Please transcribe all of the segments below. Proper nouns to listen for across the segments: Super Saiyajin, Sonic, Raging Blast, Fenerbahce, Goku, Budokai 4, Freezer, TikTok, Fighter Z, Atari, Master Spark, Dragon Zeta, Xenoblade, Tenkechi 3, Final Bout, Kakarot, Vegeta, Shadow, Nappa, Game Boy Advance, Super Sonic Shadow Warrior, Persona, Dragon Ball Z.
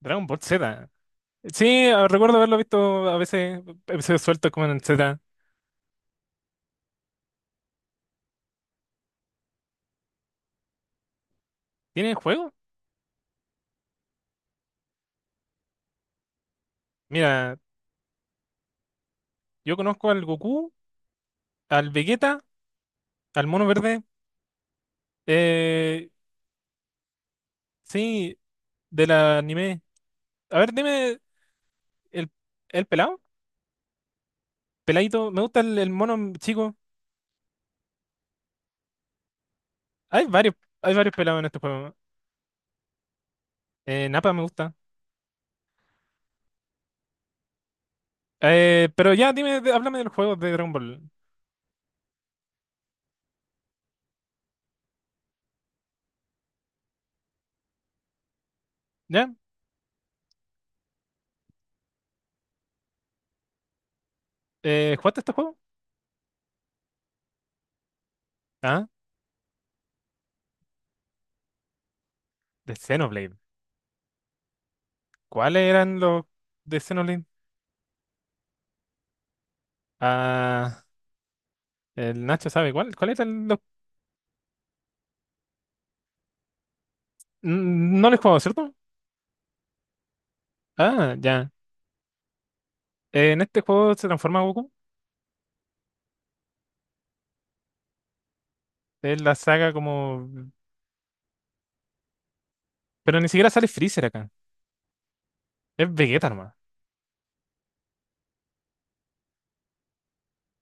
Dragon Ball Z. Sí, recuerdo haberlo visto a veces, episodios sueltos como en el Z. ¿Tiene juego? Mira, yo conozco al Goku, al Vegeta, al Mono Verde. Eh, sí, del anime. A ver, dime el, el pelado. Peladito, me gusta el mono chico. Hay varios, hay varios pelados en este juego. Nappa me gusta. Pero ya, dime, háblame del juego de Dragon Ball. ¿Ya? ¿Jugaste este juego? Ah, de Xenoblade. ¿Cuáles eran los de Xenoblade? Ah. El Nacho sabe cuál. ¿Cuál es el...? No lo he jugado, ¿cierto? Ah, ya. En este juego se transforma Goku. Es la saga como... Pero ni siquiera sale Freezer acá. Es Vegeta nomás.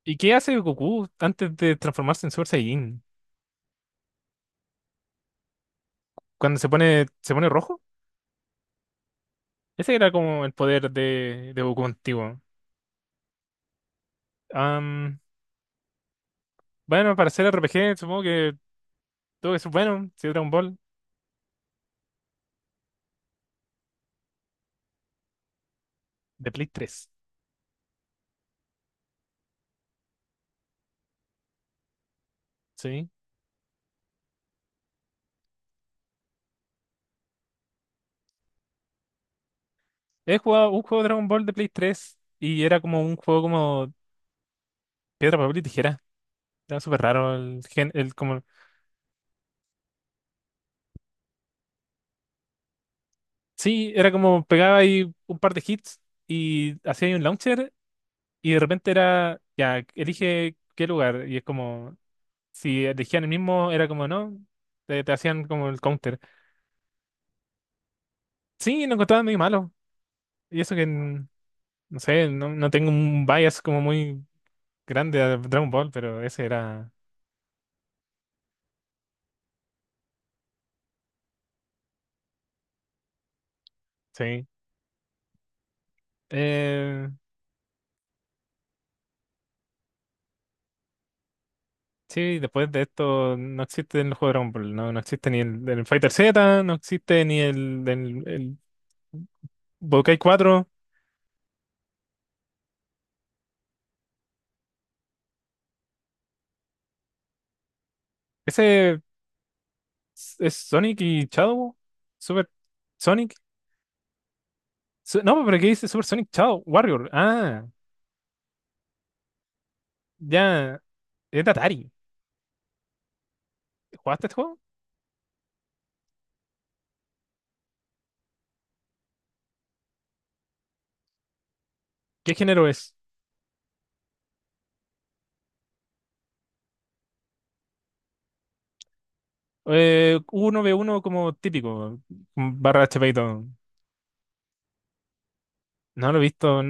¿Y qué hace Goku antes de transformarse en Super Saiyajin? Cuando se pone rojo. Ese era como el poder de Goku antiguo. Am, bueno, para hacer RPG supongo que todo eso es bueno. Sí, Dragon Ball de Play tres. Sí. He jugado un juego de Dragon Ball de Play 3 y era como un juego como piedra, papel y tijera. Era súper raro el gen, el como. Sí, era como pegaba ahí un par de hits y hacía ahí un launcher y de repente era, ya, elige qué lugar. Y es como, si elegían el mismo, era como, no, te hacían como el counter. Sí, lo encontraba muy malo. Y eso que, no sé, no, no tengo un bias como muy grande a Dragon Ball, pero ese era, sí. Eh, sí, después de esto no existe en los juegos de Dragon Ball, no, no existe ni el, del Fighter Z, no existe ni el, del Budokai 4. Ese es Sonic y Shadow. Super Sonic. No, pero ¿qué dice Super Sonic Shadow Warrior? Ah, ya. Es de Atari. ¿Jugaste este juego? ¿Qué género es? 1v1 como típico. Barra HP y todo. No lo he visto.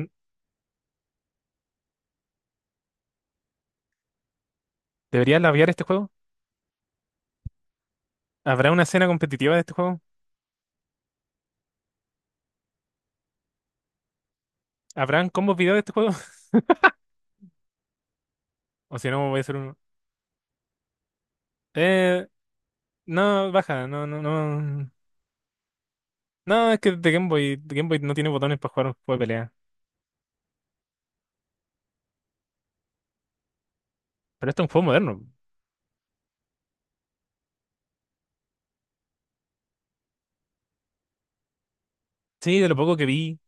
¿Deberías labiar este juego? ¿Habrá una escena competitiva de este juego? ¿Habrán combos video de este juego? O si no, voy a hacer uno. Eh, no, baja. No, no, no. No, es que de Game Boy no tiene botones para jugar un juego de pelea. Pero esto es un juego moderno. Sí, de lo poco que vi.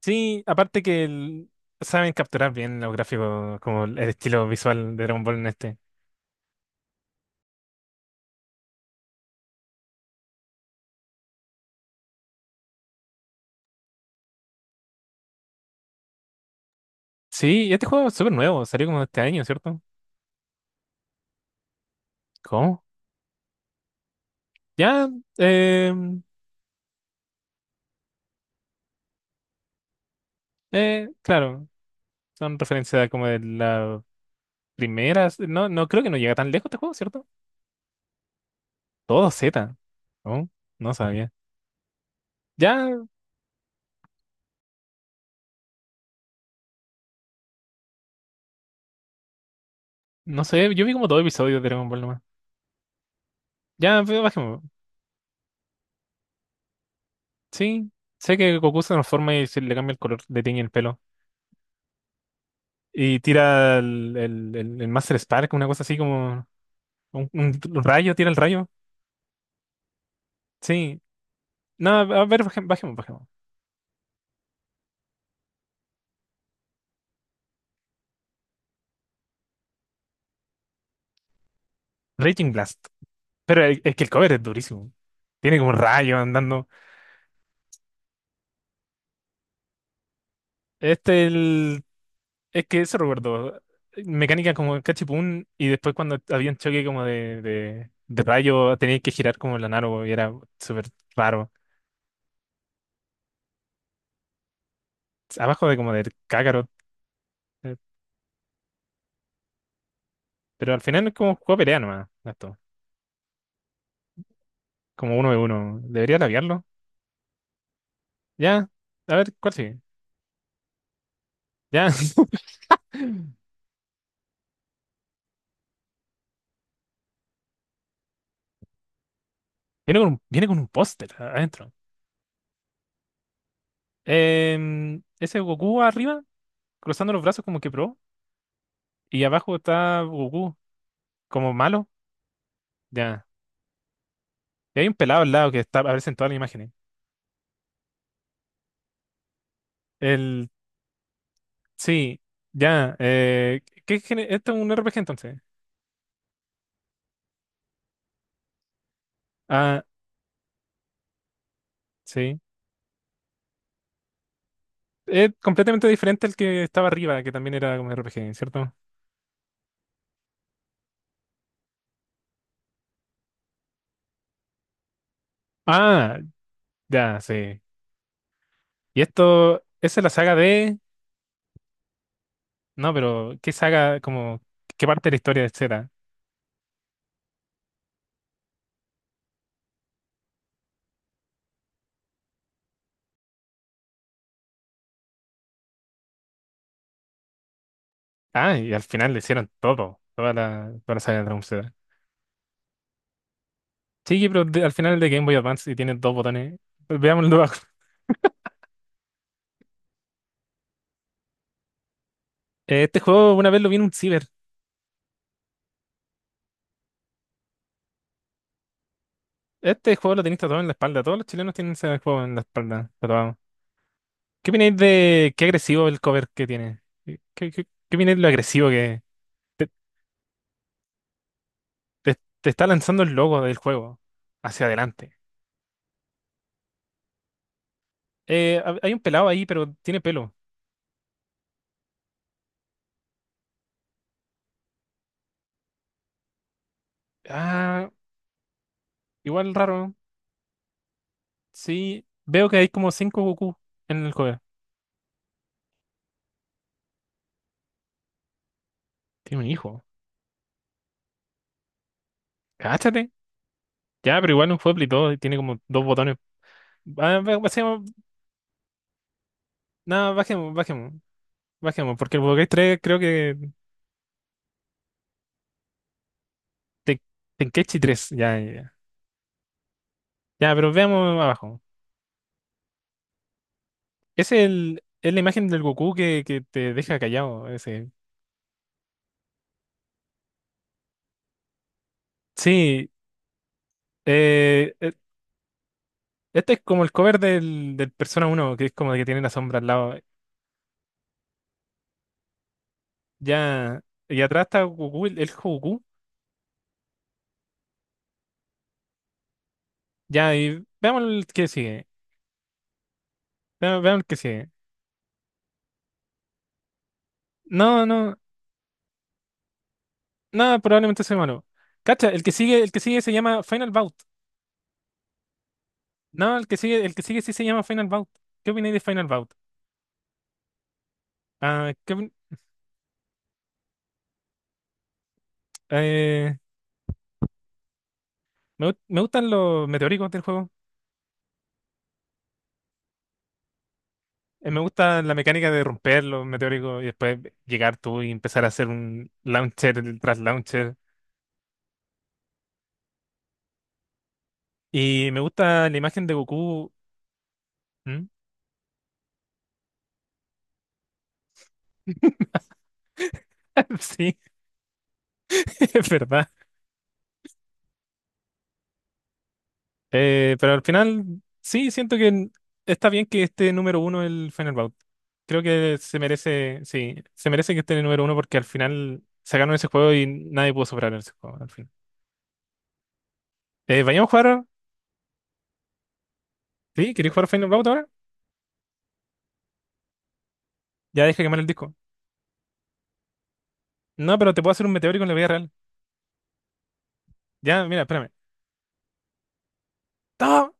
Sí, aparte que saben capturar bien los gráficos, como el estilo visual de Dragon Ball en este. Sí, y este juego es súper nuevo, salió como este año, ¿cierto? ¿Cómo? Ya, eh, claro, son referencias como de las primeras. No, no creo, que no llega tan lejos este juego, ¿cierto? Todo Z. ¿No? No sabía. Ya, no sé, yo vi como dos episodios de Dragon Ball nomás. Ya, pero bajemos. Sí, sé que Goku se transforma y se le cambia el color, le tiñe el pelo. Y tira el Master Spark, una cosa así como un rayo, tira el rayo. Sí. No, a ver, bajemos, bajemos. Raging Blast. Pero es que el cover es durísimo. Tiene como un rayo andando. Este el, es que eso recuerdo. Mecánica como cachipún y después cuando había un choque como de rayo tenía que girar como la naro y era súper raro. Abajo de como del Kakarot. eh, Pero al final es como un juego de pelea nomás, esto. Como uno de uno. Debería labiarlo. Ya, a ver, ¿cuál sigue? Ya. Viene viene con un póster adentro. Ese Goku arriba, cruzando los brazos como que pro. Y abajo está Goku, como malo. Ya. Y hay un pelado al lado que está, aparece en todas las imágenes. El, sí, ya. ¿Qué, esto es un RPG entonces? Ah, sí. Es completamente diferente al que estaba arriba, que también era como RPG, ¿cierto? Ah, ya, sí. Y esto, ¿esa es la saga de? No, pero ¿qué saga, como, qué parte de la historia de Zeta? Ah, y al final le hicieron todo, toda la saga de Dragon Zeta. Sí, pero al final es de Game Boy Advance y tiene dos botones. Veámoslo abajo. Este juego una vez lo vi en un ciber. Este juego lo tenéis tatuado en la espalda. Todos los chilenos tienen ese juego en la espalda tatuado. ¿Qué opináis de qué agresivo el cover que tiene? ¿Qué, qué, qué opináis de lo agresivo que es? te, Te está lanzando el logo del juego hacia adelante? Hay un pelado ahí, pero tiene pelo. Ah, igual raro. Sí, veo que hay como cinco Goku en el juego. Tiene un hijo. Cáchate. Ya, pero igual un Pueblo y todo, y tiene como dos botones. Ah, bajemos, nada, bajemos, bajemos, bajemos, porque el Pokédex 3, creo que te, Tenkechi 3, ya, ya, ya. Ya, pero veamos abajo. Es el, es la imagen del Goku que te deja callado, ese. Sí, eh, eh, este es como el cover del, del Persona uno, que es como que tiene la sombra al lado. Ya, y atrás está Goku, el Goku. Ya, y veamos el que sigue. Vean, vean el que sigue. No, no, no, probablemente soy malo. Cacha, el que sigue se llama Final Bout. No, el que sigue sí se llama Final Bout. ¿Qué opináis de Final Bout? Ah, ¿qué eh, me gustan los meteóricos del juego. Me gusta la mecánica de romper los meteóricos y después llegar tú y empezar a hacer un launcher tras launcher. Y me gusta la imagen de Goku. ¿Mm? Sí, es verdad. Pero al final, sí, siento que está bien que esté número uno el Fenerbahce. Creo que se merece, sí, se merece que esté en el número uno porque al final se ganó ese juego y nadie pudo superar ese juego, al fin. ¿Vayamos a jugar? ¿Sí? ¿Queréis jugar Fenerbahce ahora? Ya deja quemar el disco. No, pero te puedo hacer un meteórico en la vida real. Ya, mira, espérame. ¡No!